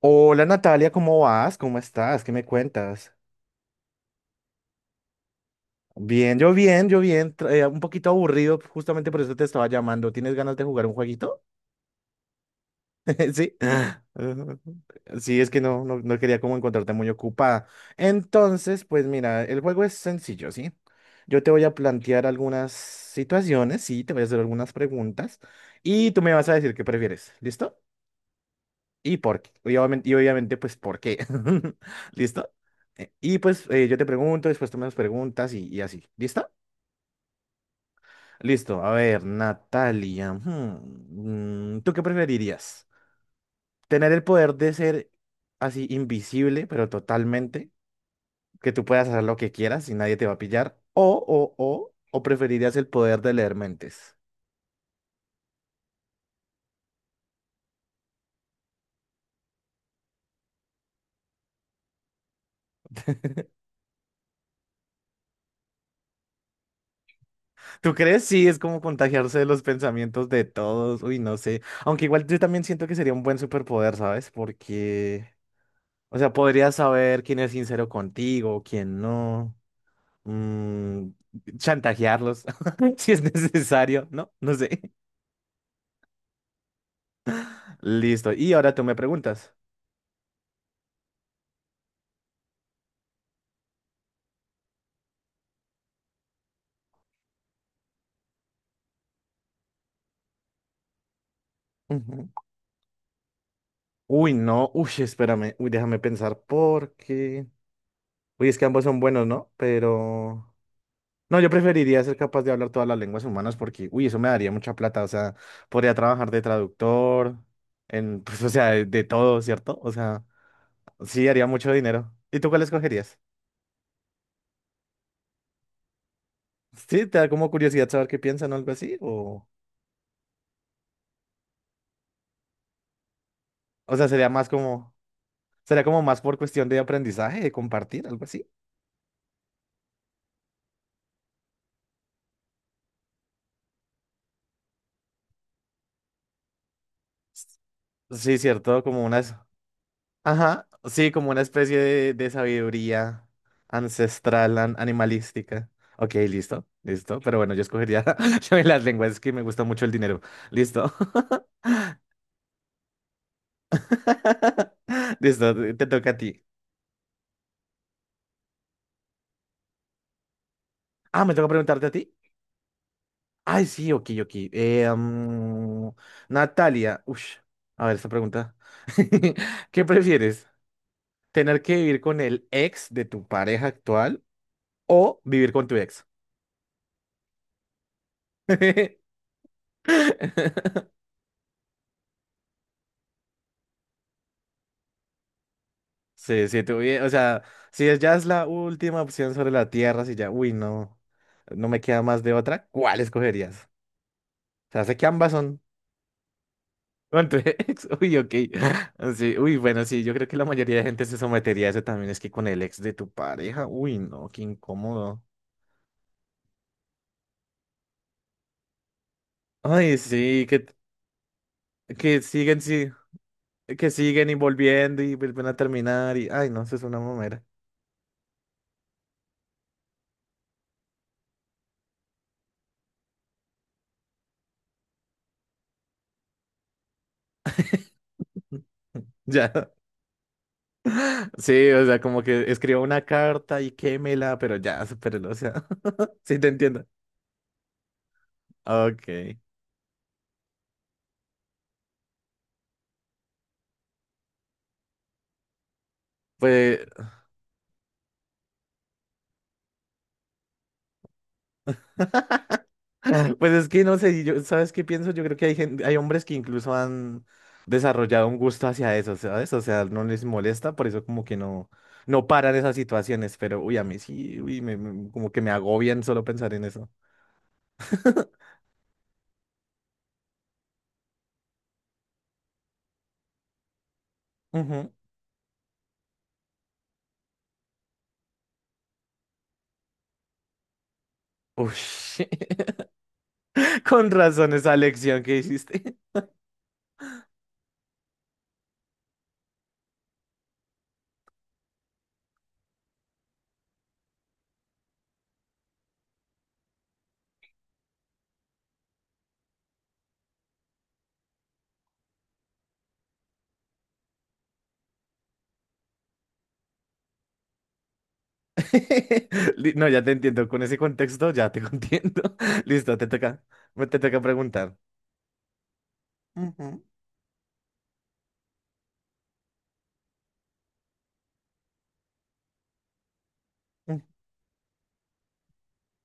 Hola Natalia, ¿cómo vas? ¿Cómo estás? ¿Qué me cuentas? Bien, yo bien, un poquito aburrido, justamente por eso te estaba llamando. ¿Tienes ganas de jugar un jueguito? Sí. Ah, ujú. Sí, es que no, no, no quería como encontrarte muy ocupada. Entonces, pues mira, el juego es sencillo, ¿sí? Yo te voy a plantear algunas situaciones, sí, te voy a hacer algunas preguntas y tú me vas a decir qué prefieres. ¿Listo? Y por qué, y obviamente, pues, ¿por qué? ¿Listo? Y pues yo te pregunto, después tú me das preguntas y así. ¿Listo? Listo. A ver, Natalia. ¿Tú qué preferirías? ¿Tener el poder de ser así invisible, pero totalmente? Que tú puedas hacer lo que quieras y nadie te va a pillar. O preferirías el poder de leer mentes. ¿Tú crees? Sí, es como contagiarse de los pensamientos de todos. Uy, no sé. Aunque igual yo también siento que sería un buen superpoder, ¿sabes? Porque, o sea, podrías saber quién es sincero contigo, quién no. mm, Chantajearlos si es necesario, ¿no? No sé. Listo. Y ahora tú me preguntas. Ujú. Uy, no. Uy, espérame. Uy, déjame pensar porque, uy, es que ambos son buenos, ¿no? Pero no, yo preferiría ser capaz de hablar todas las lenguas humanas porque, uy, eso me daría mucha plata. O sea, podría trabajar de traductor, en, pues, o sea, de todo, ¿cierto? O sea, sí, haría mucho dinero. ¿Y tú cuál escogerías? Sí, te da como curiosidad saber qué piensan o algo así, o sea, sería más como, sería como más por cuestión de aprendizaje, de compartir, algo así. Sí, cierto, como una, ajá, sí, como una especie de sabiduría ancestral, animalística. Ok, listo, listo, pero bueno, yo escogería yo las lenguas, es que me gusta mucho el dinero. Listo. Listo, te toca a ti. Ah, ¿me toca preguntarte a ti? Ay, sí, ok, ok. Natalia, ush, a ver esta pregunta. ¿Qué prefieres? ¿Tener que vivir con el ex de tu pareja actual o vivir con tu ex? Sí, sí, o sea, si es- ya es la última opción sobre la tierra, si ya, uy, no, no me queda más de otra, ¿cuál escogerías? O sea, sé que ambas son. Con tu ex, uy, ok. Sí, uy, bueno, sí, yo creo que la mayoría de gente se sometería a eso también, es que con el ex de tu pareja, uy, no, qué incómodo. Ay, sí, que siguen, sí, que siguen y volviendo y vuelven a terminar y, ay, no, eso es una mamera. Ya, sí, o sea, como que escriba una carta y quémela, pero ya, supérelo, o sea, sí te entiendo. Ok, pues pues es que no sé, yo, ¿sabes qué pienso? Yo creo que hay gente, hay hombres que incluso han desarrollado un gusto hacia eso, ¿sabes? O sea, no les molesta, por eso como que no, no paran esas situaciones, pero uy, a mí sí, uy, como que me agobian solo pensar en eso. Ujú. Uy, con razón esa lección que hiciste. No, ya te entiendo, con ese contexto ya te entiendo. Listo, te toca, te toca preguntar. Ujú, ujú.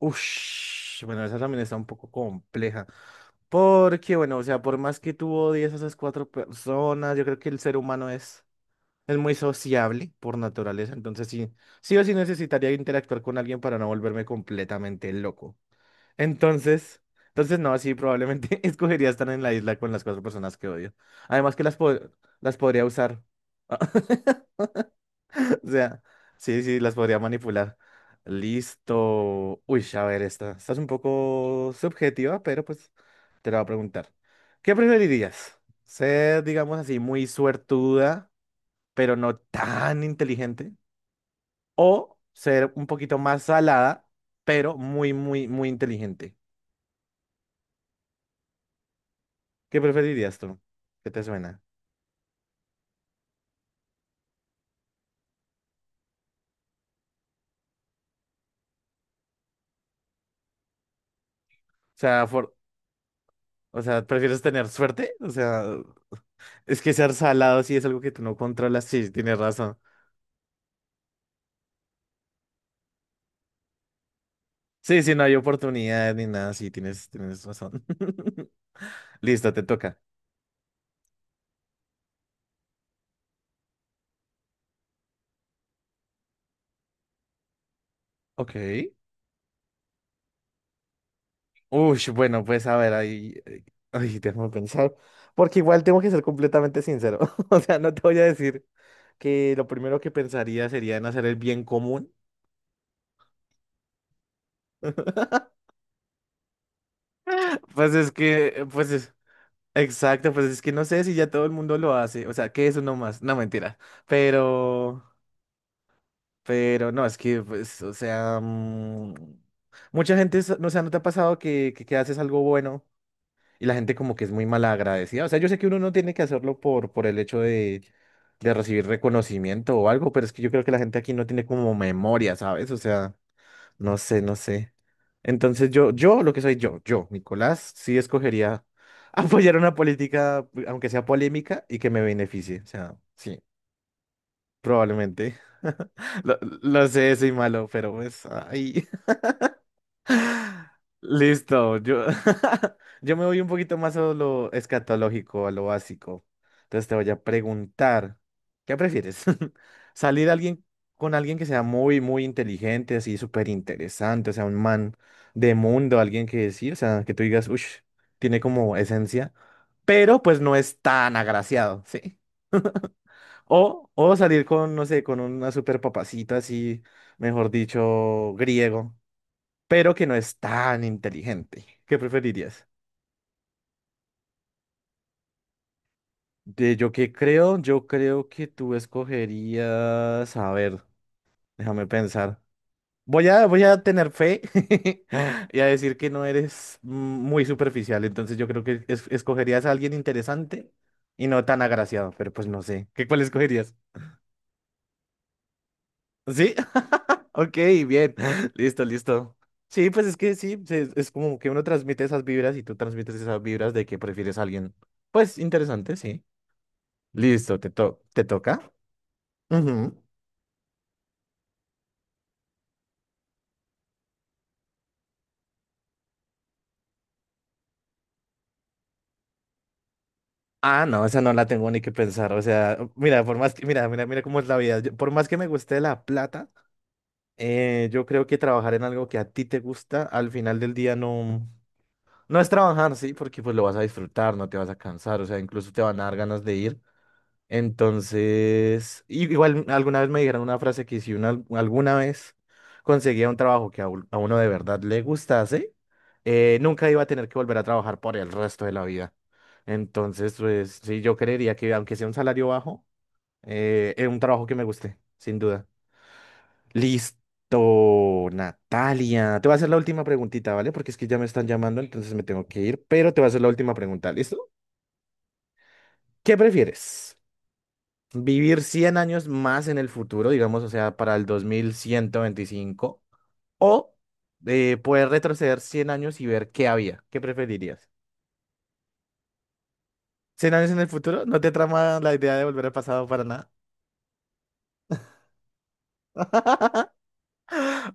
Ush, bueno, esa también está un poco compleja. Porque, bueno, o sea, por más que tú odies a esas cuatro personas, yo creo que el ser humano es muy sociable por naturaleza, entonces sí, sí o sí necesitaría interactuar con alguien para no volverme completamente loco. Entonces, entonces no, sí, probablemente escogería estar en la isla con las cuatro personas que odio. Además que las, las podría usar. O sea, sí, sí, las podría manipular. Listo. Uy, a ver, esta. Esta es un poco subjetiva, pero pues te la voy a preguntar. ¿Qué preferirías? ¿Ser, digamos así, muy suertuda, pero no tan inteligente? ¿O ser un poquito más salada, pero muy, muy, muy inteligente? ¿Qué preferirías tú? ¿Qué te suena? O sea, o sea, ¿prefieres tener suerte? O sea, es que ser salado sí es algo que tú no controlas. Sí, tienes razón. Sí, sí, no hay oportunidad ni nada, sí, tienes razón. Listo, te toca. Ok. Uy, bueno, pues a ver, ahí, ay, déjame pensar, porque igual tengo que ser completamente sincero. O sea, no te voy a decir que lo primero que pensaría sería en hacer el bien común. Pues es que, pues es, exacto, pues es que no sé si ya todo el mundo lo hace, o sea, que eso no más, no mentira, pero, pero no, es que, pues, o sea, mm, mucha gente, no, o sea, ¿no te ha pasado que, que haces algo bueno? Y la gente como que es muy mal agradecida. O sea, yo sé que uno no tiene que hacerlo por, el hecho de recibir reconocimiento o algo, pero es que yo creo que la gente aquí no tiene como memoria, ¿sabes? O sea, no sé, no sé. Entonces lo que soy yo, Nicolás, sí escogería apoyar una política, aunque sea polémica, y que me beneficie. O sea, sí, probablemente. Lo sé, soy malo, pero pues, ay. Listo, yo, yo me voy un poquito más a lo escatológico, a lo básico. Entonces te voy a preguntar, ¿qué prefieres? ¿Salir alguien con alguien que sea muy, muy inteligente, así súper interesante, o sea, un man de mundo, alguien que decir, o sea, que tú digas, uff, tiene como esencia, pero pues no es tan agraciado, ¿sí? O salir con, no sé, con una súper papacita así, mejor dicho, griego pero que no es tan inteligente. ¿Qué preferirías? De yo qué creo, yo creo que tú escogerías, a ver, déjame pensar. Voy a, voy a tener fe y a decir que no eres mm, muy superficial, entonces yo creo que escogerías a alguien interesante y no tan agraciado, pero pues no sé. ¿Qué cuál escogerías? ¿Sí? Ok, bien. Listo, listo. Sí, pues es que sí, es como que uno transmite esas vibras y tú transmites esas vibras de que prefieres a alguien, pues interesante, sí. Listo, ¿te toca? Ujú. Ah, no, esa no la tengo ni que pensar. O sea, mira, por más que, mira, mira, mira cómo es la vida. Por más que me guste la plata, yo creo que trabajar en algo que a ti te gusta, al final del día no, no es trabajar, sí, porque pues lo vas a disfrutar, no te vas a cansar, o sea, incluso te van a dar ganas de ir. Entonces, igual alguna vez me dijeron una frase que si una alguna vez conseguía un trabajo que a uno de verdad le gustase, nunca iba a tener que volver a trabajar por el resto de la vida. Entonces, pues sí, yo creería que aunque sea un salario bajo, es un trabajo que me guste, sin duda. Listo, Natalia. Te voy a hacer la última preguntita, ¿vale? Porque es que ya me están llamando, entonces me tengo que ir, pero te voy a hacer la última pregunta, ¿listo? ¿Qué prefieres? Vivir 100 años más en el futuro, digamos, o sea, para el 2125, o poder retroceder 100 años y ver qué había. ¿Qué preferirías? ¿100 años en el futuro? ¿No te trama la idea de volver al pasado para nada?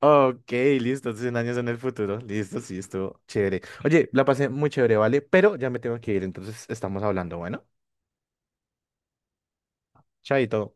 Ok, listo, 100 años en el futuro. Listo, sí, estuvo chévere. Oye, la pasé muy chévere, ¿vale? Pero ya me tengo que ir, entonces estamos hablando, bueno. Chaito.